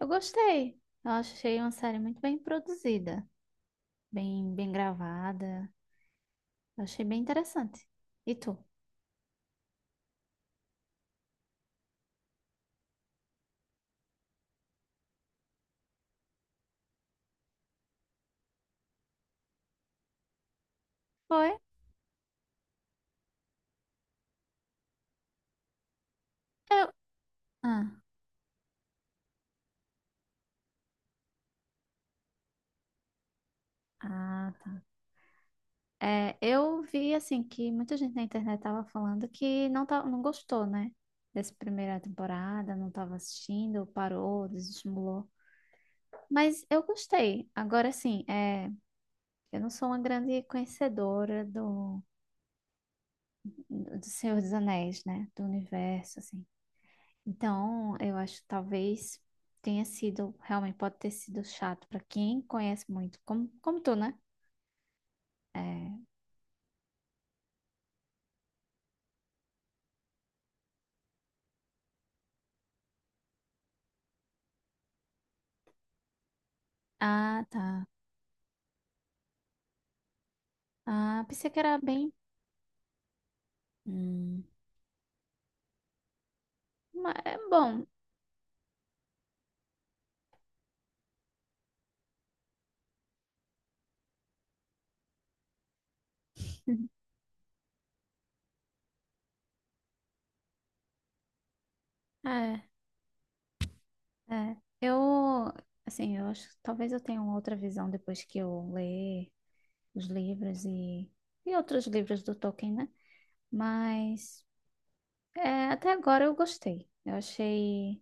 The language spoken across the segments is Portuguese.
Eu gostei. Eu achei uma série muito bem produzida, bem gravada. Eu achei bem interessante. E tu? Foi? Eu- Ah, tá. É, eu vi assim que muita gente na internet tava falando que não tá, não gostou, né? Dessa primeira temporada, não tava assistindo, parou, desestimulou. Mas eu gostei. Agora assim, é, eu não sou uma grande conhecedora do Senhor dos Anéis, né? Do universo, assim. Então, eu acho que talvez tenha sido, realmente pode ter sido chato pra quem conhece muito, como tu, né? É. Ah, tá. Ah, pensei que era bem. Hum, mas é bom. É, é. Eu, assim, eu acho que talvez eu tenha uma outra visão depois que eu ler os livros e outros livros do Tolkien, né? Mas é, até agora eu gostei. Eu achei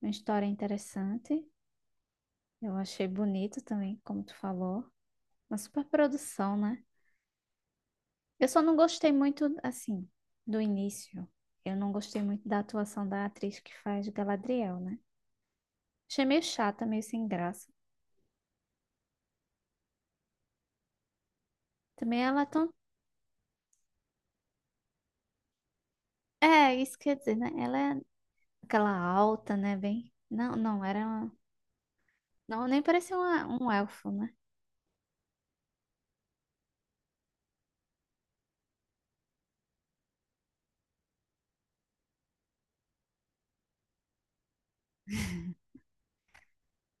uma história interessante. Eu achei bonito também, como tu falou. Uma super produção, né? Eu só não gostei muito, assim, do início. Eu não gostei muito da atuação da atriz que faz Galadriel, né? Achei meio chata, meio sem graça. Também ela é tão. É, isso quer dizer, né? Ela é aquela alta, né? Bem. Não, era. Não, nem parecia um elfo, né?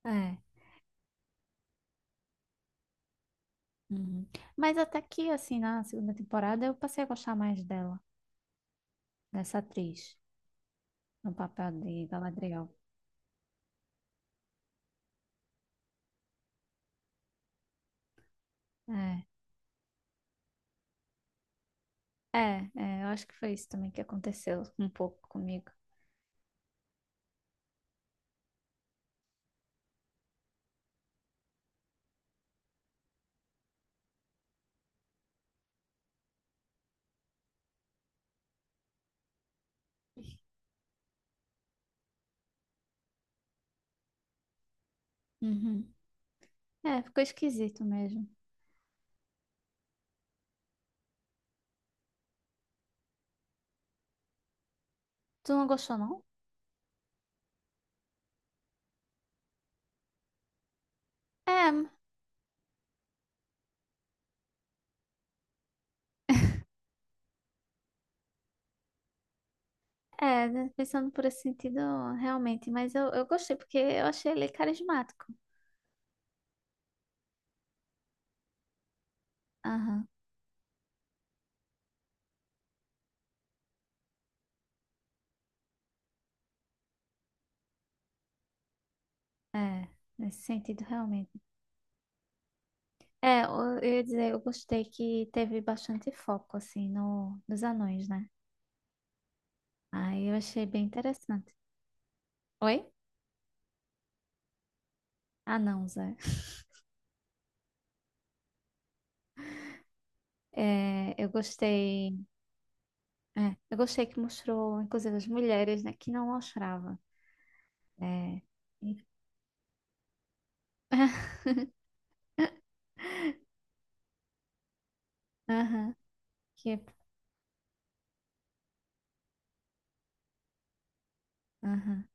É. Uhum. Mas até que, assim, na segunda temporada, eu passei a gostar mais dela, dessa atriz, no papel de Galadriel. É. É, é, eu acho que foi isso também que aconteceu um pouco comigo. Uhum. É, ficou esquisito mesmo. Tu não gostou, não? É, é, né, pensando por esse sentido, realmente, mas eu gostei porque eu achei ele carismático. Aham, é, nesse sentido, realmente. É, eu ia dizer, eu gostei que teve bastante foco, assim, no, nos anões, né? Aí eu achei bem interessante. Oi? Anãos, é. É, eu gostei. É, eu gostei que mostrou, inclusive, as mulheres, né, que não mostrava. É. E- Aham, que, aham,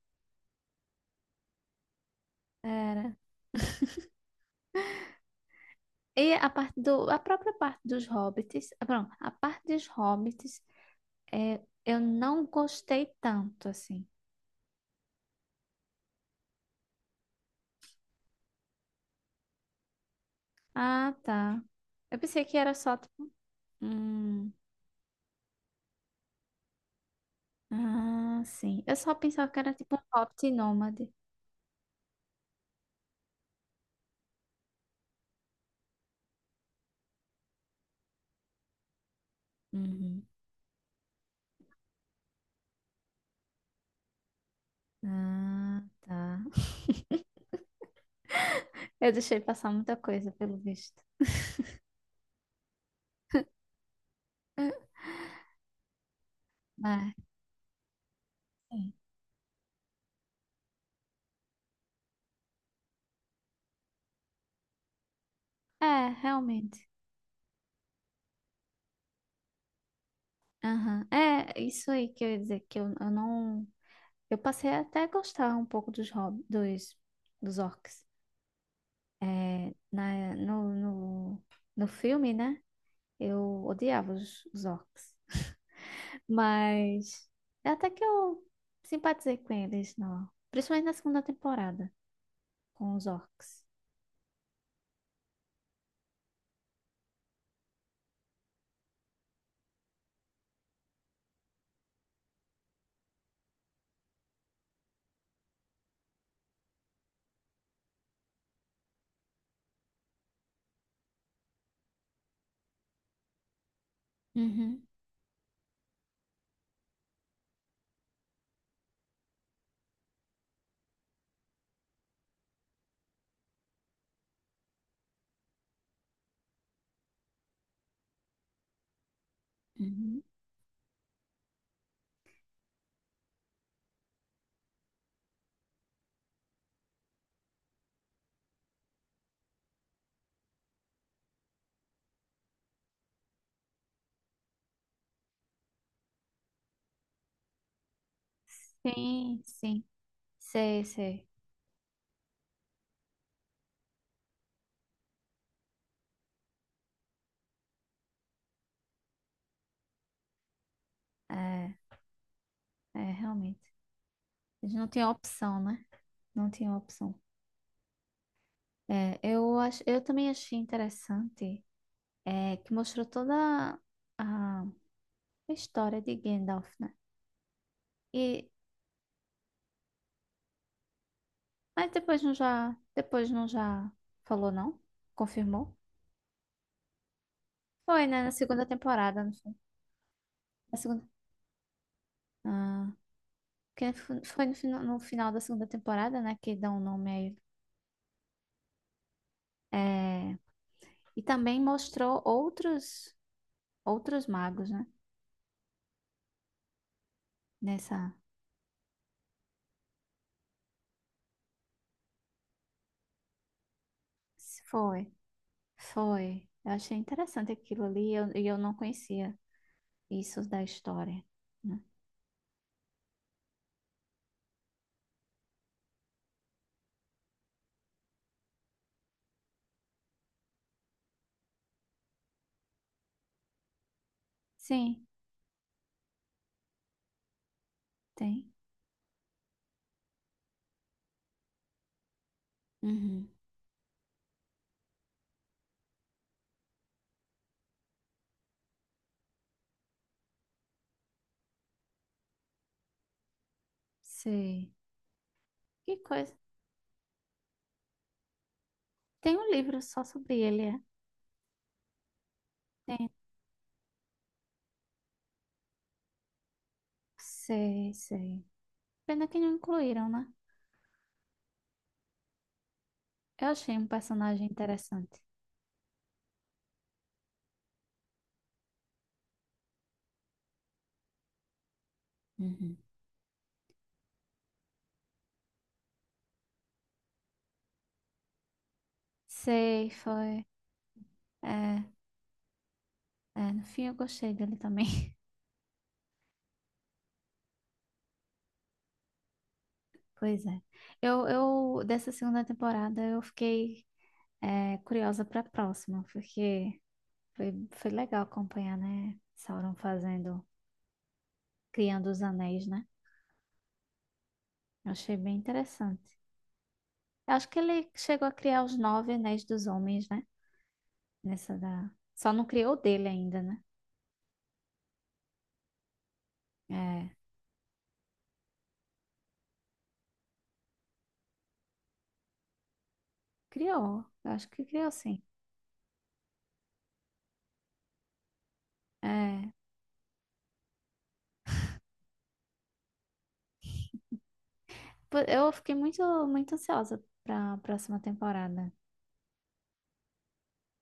era. E a parte do, a própria parte dos hobbits, ah, pronto, a parte dos hobbits, é, eu não gostei tanto, assim. Ah, tá. Eu pensei que era só, tipo, hum, ah, sim. Eu só pensava que era, tipo, um hobbit nômade. Uhum. Ah, tá. Eu deixei passar muita coisa, pelo visto. Mas, sim. É, realmente. Aham. É, isso aí que eu ia dizer, que eu não. Eu passei até a gostar um pouco dos dos orcs. É, no filme, né? Eu odiava os orcs. Mas é até que eu simpatizei com eles, não. Principalmente na segunda temporada, com os orcs. Uhum. Uhum. Sim, sim. Sei, sei. É, é, realmente. Eles não tinham opção, né? Não tinham opção. É, eu acho, eu também achei interessante, é, que mostrou toda a história de Gandalf, né? E, mas depois não já falou, não? Confirmou? Foi, né? Na segunda temporada, não foi? Na segunda, ah, que foi no final da segunda temporada, né? Que dá um nome a ele. É, e também mostrou outros magos, né? Nessa, foi, foi. Eu achei interessante aquilo ali e e eu não conhecia. Isso da história, né? Sim, tem. Uhum. Sei. Que coisa. Tem um livro só sobre ele, é? Tem. Sei, sei. Pena que não incluíram, né? Eu achei um personagem interessante. Uhum. Sei, foi. É, é, no fim eu gostei dele também. Pois é. Eu dessa segunda temporada eu fiquei é, curiosa pra próxima, porque foi, foi legal acompanhar, né? Sauron fazendo, criando os anéis, né? Eu achei bem interessante. Eu acho que ele chegou a criar os nove anéis dos homens, né? Nessa da... Só não criou o dele ainda, né? É, criou. Eu acho que criou sim. É, pô, eu fiquei muito, muito ansiosa para a próxima temporada.